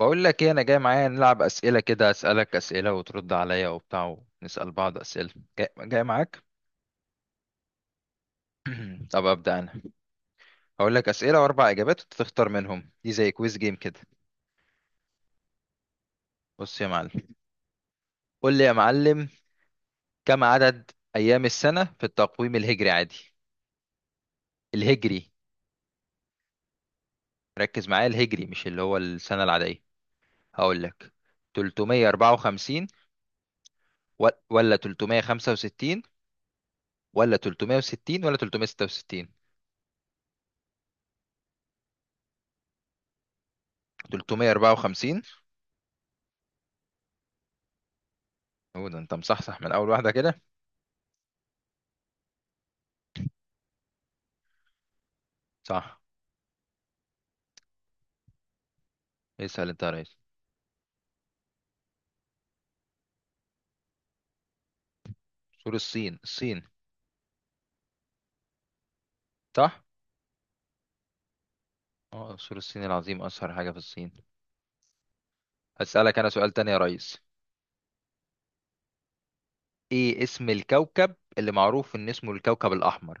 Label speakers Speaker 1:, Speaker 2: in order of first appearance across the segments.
Speaker 1: بقول لك ايه؟ انا جاي، معايا نلعب اسئله كده، اسالك اسئله وترد عليا وبتاع ونسال بعض اسئله. جاي معاك. طب ابدا انا هقول لك اسئله واربع اجابات وانت تختار منهم، دي زي كويز جيم كده. بص يا معلم. قول لي يا معلم، كم عدد ايام السنه في التقويم الهجري عادي؟ الهجري. ركز معايا، الهجري مش اللي هو السنه العاديه. هقول لك: 354 ولا 365 ولا 360 ولا 366. 354. هو ده، انت مصحصح من اول واحده كده. صح. اسال انت يا ريس. سور الصين. الصين. صح. اه، سور الصين العظيم اشهر حاجه في الصين. اسالك انا سؤال تاني يا ريس: ايه اسم الكوكب اللي معروف ان اسمه الكوكب الاحمر؟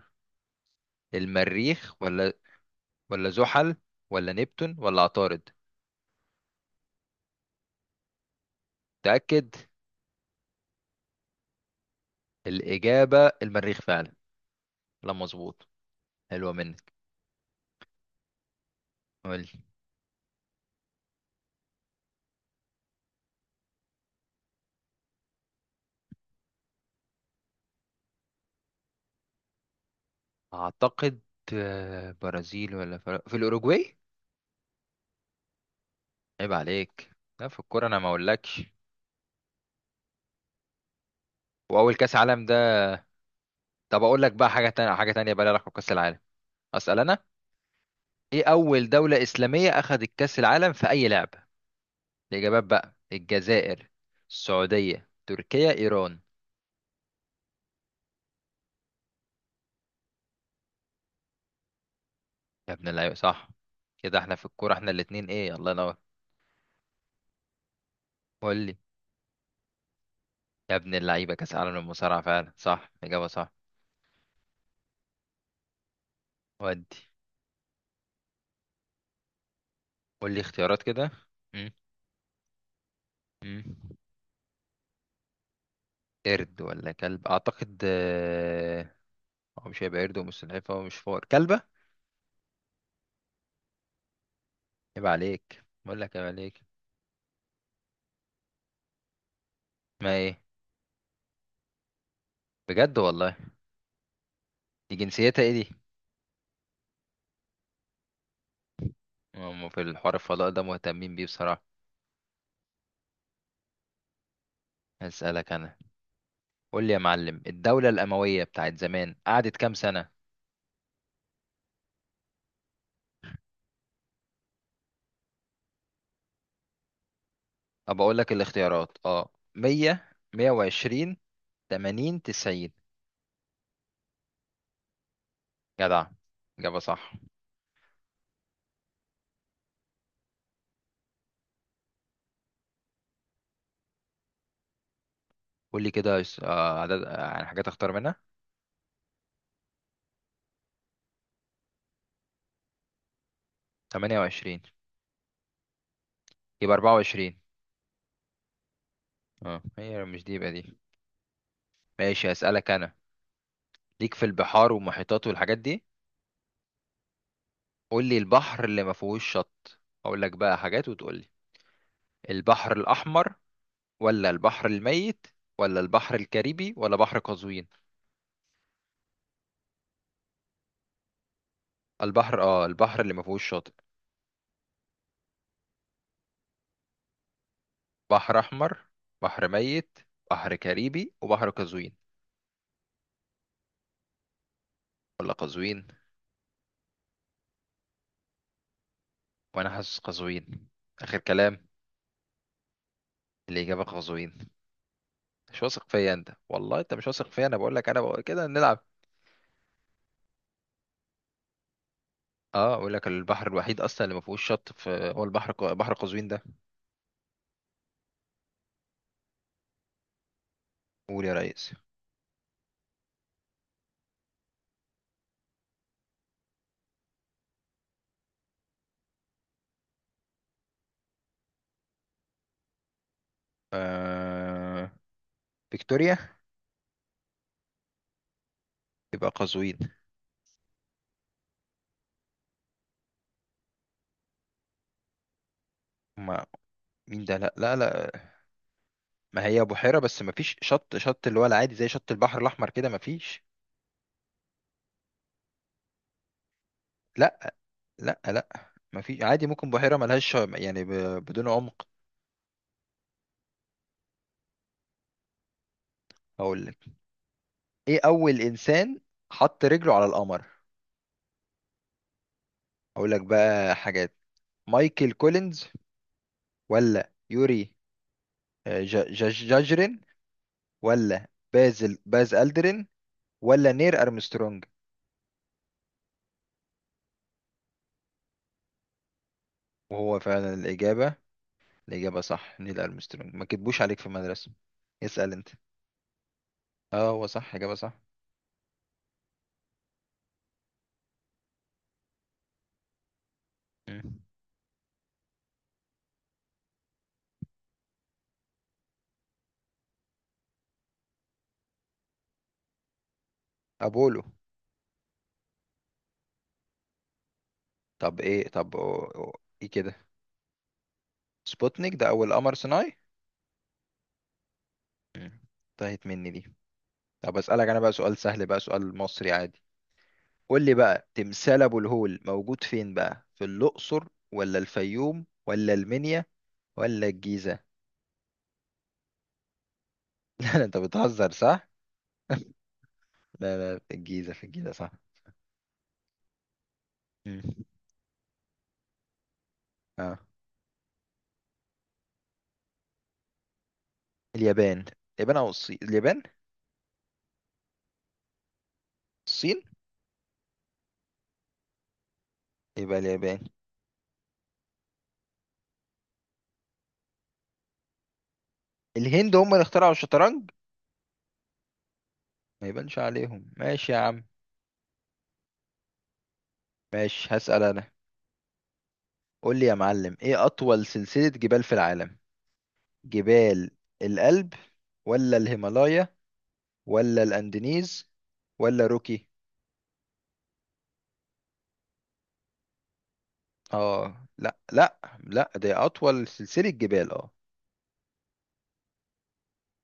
Speaker 1: المريخ، ولا... ولا زحل، ولا نبتون، ولا عطارد؟ تاكد. الاجابه المريخ فعلا. لا، مظبوط. حلوه منك. قول لي. اعتقد برازيل، ولا في الاوروجواي. عيب عليك. لا، في الكوره انا ما اقولكش. واول كاس عالم ده. طب اقول لك بقى حاجه تانية، حاجه تانية بقى لها علاقه بكاس العالم. اسال انا: ايه اول دوله اسلاميه اخذت كاس العالم في اي لعبه؟ الاجابات بقى: الجزائر، السعوديه، تركيا، ايران. يا ابن اللعيبه، صح. كده احنا في الكوره، احنا الاتنين، ايه، الله ينور. قول لي. يا ابن اللعيبه، كاس العالم للمصارعه فعلا، صح، اجابه صح. ودي. قول لي اختيارات كده. مم. مم. قرد ولا كلب، اعتقد، آه. هو مش هيبقى قرد، ومش سلحفاه، ومش فار. كلبه. يبقى عليك، بقول لك يبقى عليك. ما ايه؟ بجد والله؟ دي جنسيتها ايه دي؟ هم في الحوار الفضاء ده مهتمين بيه بصراحة. هسألك انا. قول لي يا معلم، الدولة الأموية بتاعت زمان قعدت كام سنة؟ طب اقول لك الاختيارات: اه، 100، 120، 80، 90. جدع. إجابة صح. قول لي كده، عدد، يعني حاجات اختار منها. 28. يبقى 24. اه، هي مش دي، يبقى دي. ماشي، هسألك انا. ليك في البحار والمحيطات والحاجات دي. قول لي البحر اللي ما فيهوش شط. اقول لك بقى حاجات وتقول لي: البحر الأحمر، ولا البحر الميت، ولا البحر الكاريبي، ولا بحر قزوين؟ البحر اللي ما فيهوش شاطئ. بحر احمر، بحر ميت، بحر كاريبي، وبحر قزوين. ولا قزوين. وانا حاسس قزوين. اخر كلام. الاجابه قزوين. مش واثق فيا انت والله، انت مش واثق فيا، انا بقول لك، انا بقول كده نلعب. اه، اقول لك البحر الوحيد اصلا اللي ما فيهوش شط في، هو بحر قزوين ده. قول يا ريس. آه... فيكتوريا. يبقى قزوين. ما مين ده؟ لا، لا، لا. ما هي بحيرة، بس ما فيش شط، شط اللي هو العادي، زي شط البحر الأحمر كده، ما فيش. لا، لا، لا، ما فيش عادي، ممكن بحيرة ملهاش يعني بدون عمق. هقول لك: ايه أول إنسان حط رجله على القمر؟ هقول لك بقى حاجات: مايكل كولينز، ولا يوري جاجرين، ولا باز ألدرين، ولا نير أرمسترونج؟ وهو فعلا الإجابة. الإجابة صح، نيل أرمسترونج. ما كتبوش عليك في المدرسة؟ اسأل أنت. اه، هو صح، إجابة صح. مم. ابولو. طب ايه؟ ايه كده. سبوتنيك ده اول قمر صناعي. مم. انتهت مني دي. طب اسالك انا بقى سؤال سهل، بقى سؤال مصري عادي. قول لي بقى، تمثال ابو الهول موجود فين بقى؟ في الاقصر، ولا الفيوم، ولا المنيا، ولا الجيزه؟ لا، لا، انت بتهزر، صح؟ لا، لا، في الجيزه، في الجيزه، صح. مم. اه. اليابان. اليابان او الصين. اليابان. الصين. يبقى اليابان. الهند هم اللي اخترعوا الشطرنج. ما يبانش عليهم، ماشي يا عم. ماشي، هسأل انا. قول لي يا معلم: ايه اطول سلسلة جبال في العالم؟ جبال الألب، ولا الهيمالايا، ولا الانديز، ولا روكي؟ اه، لا، لا، لا، دي اطول سلسلة جبال، اه.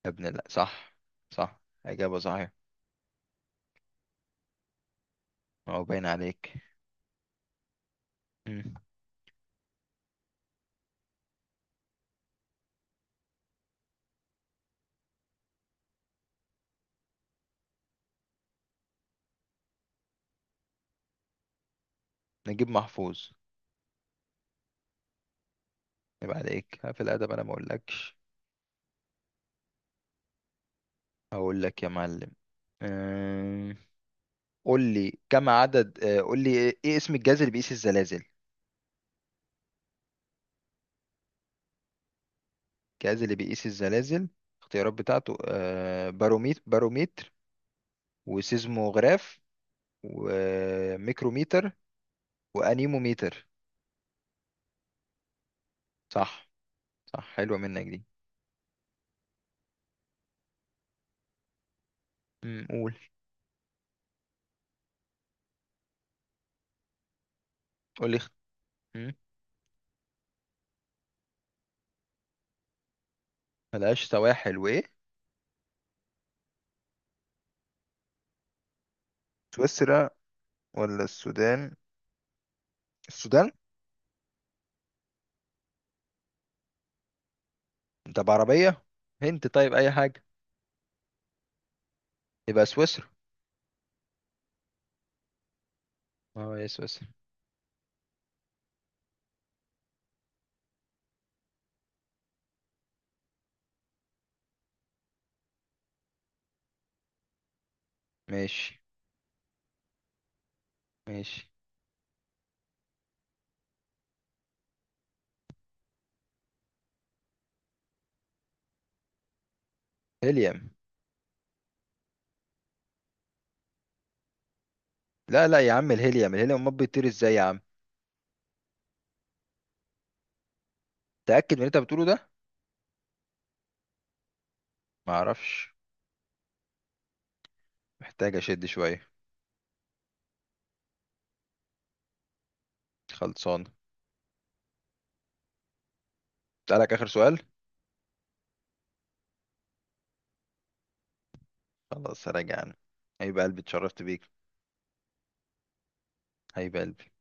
Speaker 1: يا ابن لا، صح. صح. اجابة صحيحة. اه، باين عليك. مم. نجيب محفوظ. يبقى عليك في الادب، انا ما اقولكش. اقول لك يا معلم. أم، قول لي كم عدد آه، قول لي ايه، اسم الجهاز اللي بيقيس الزلازل؟ الجهاز اللي بيقيس الزلازل. الاختيارات بتاعته: باروميتر، وسيزموغراف، وميكروميتر، وانيموميتر. صح. صح، حلوة منك دي. مم، قول. قول لي اخت- مم، ملهاش سواحل، وايه؟ سويسرا، ولا السودان؟ السودان. انت بعربية. هنت، طيب، اي حاجة. يبقى سويسرا. اه، يا سويسرا. ماشي. ماشي. هيليوم. لا، لا، يا عم، الهيليوم ما بيطير ازاي يا عم؟ تأكد من اللي انت بتقوله ده. ما اعرفش. محتاج اشد شوية. خلصان. اسألك آخر سؤال. خلاص، راجع أنا. هيبقى قلبي، اتشرفت بيك. هيبقى قلبي.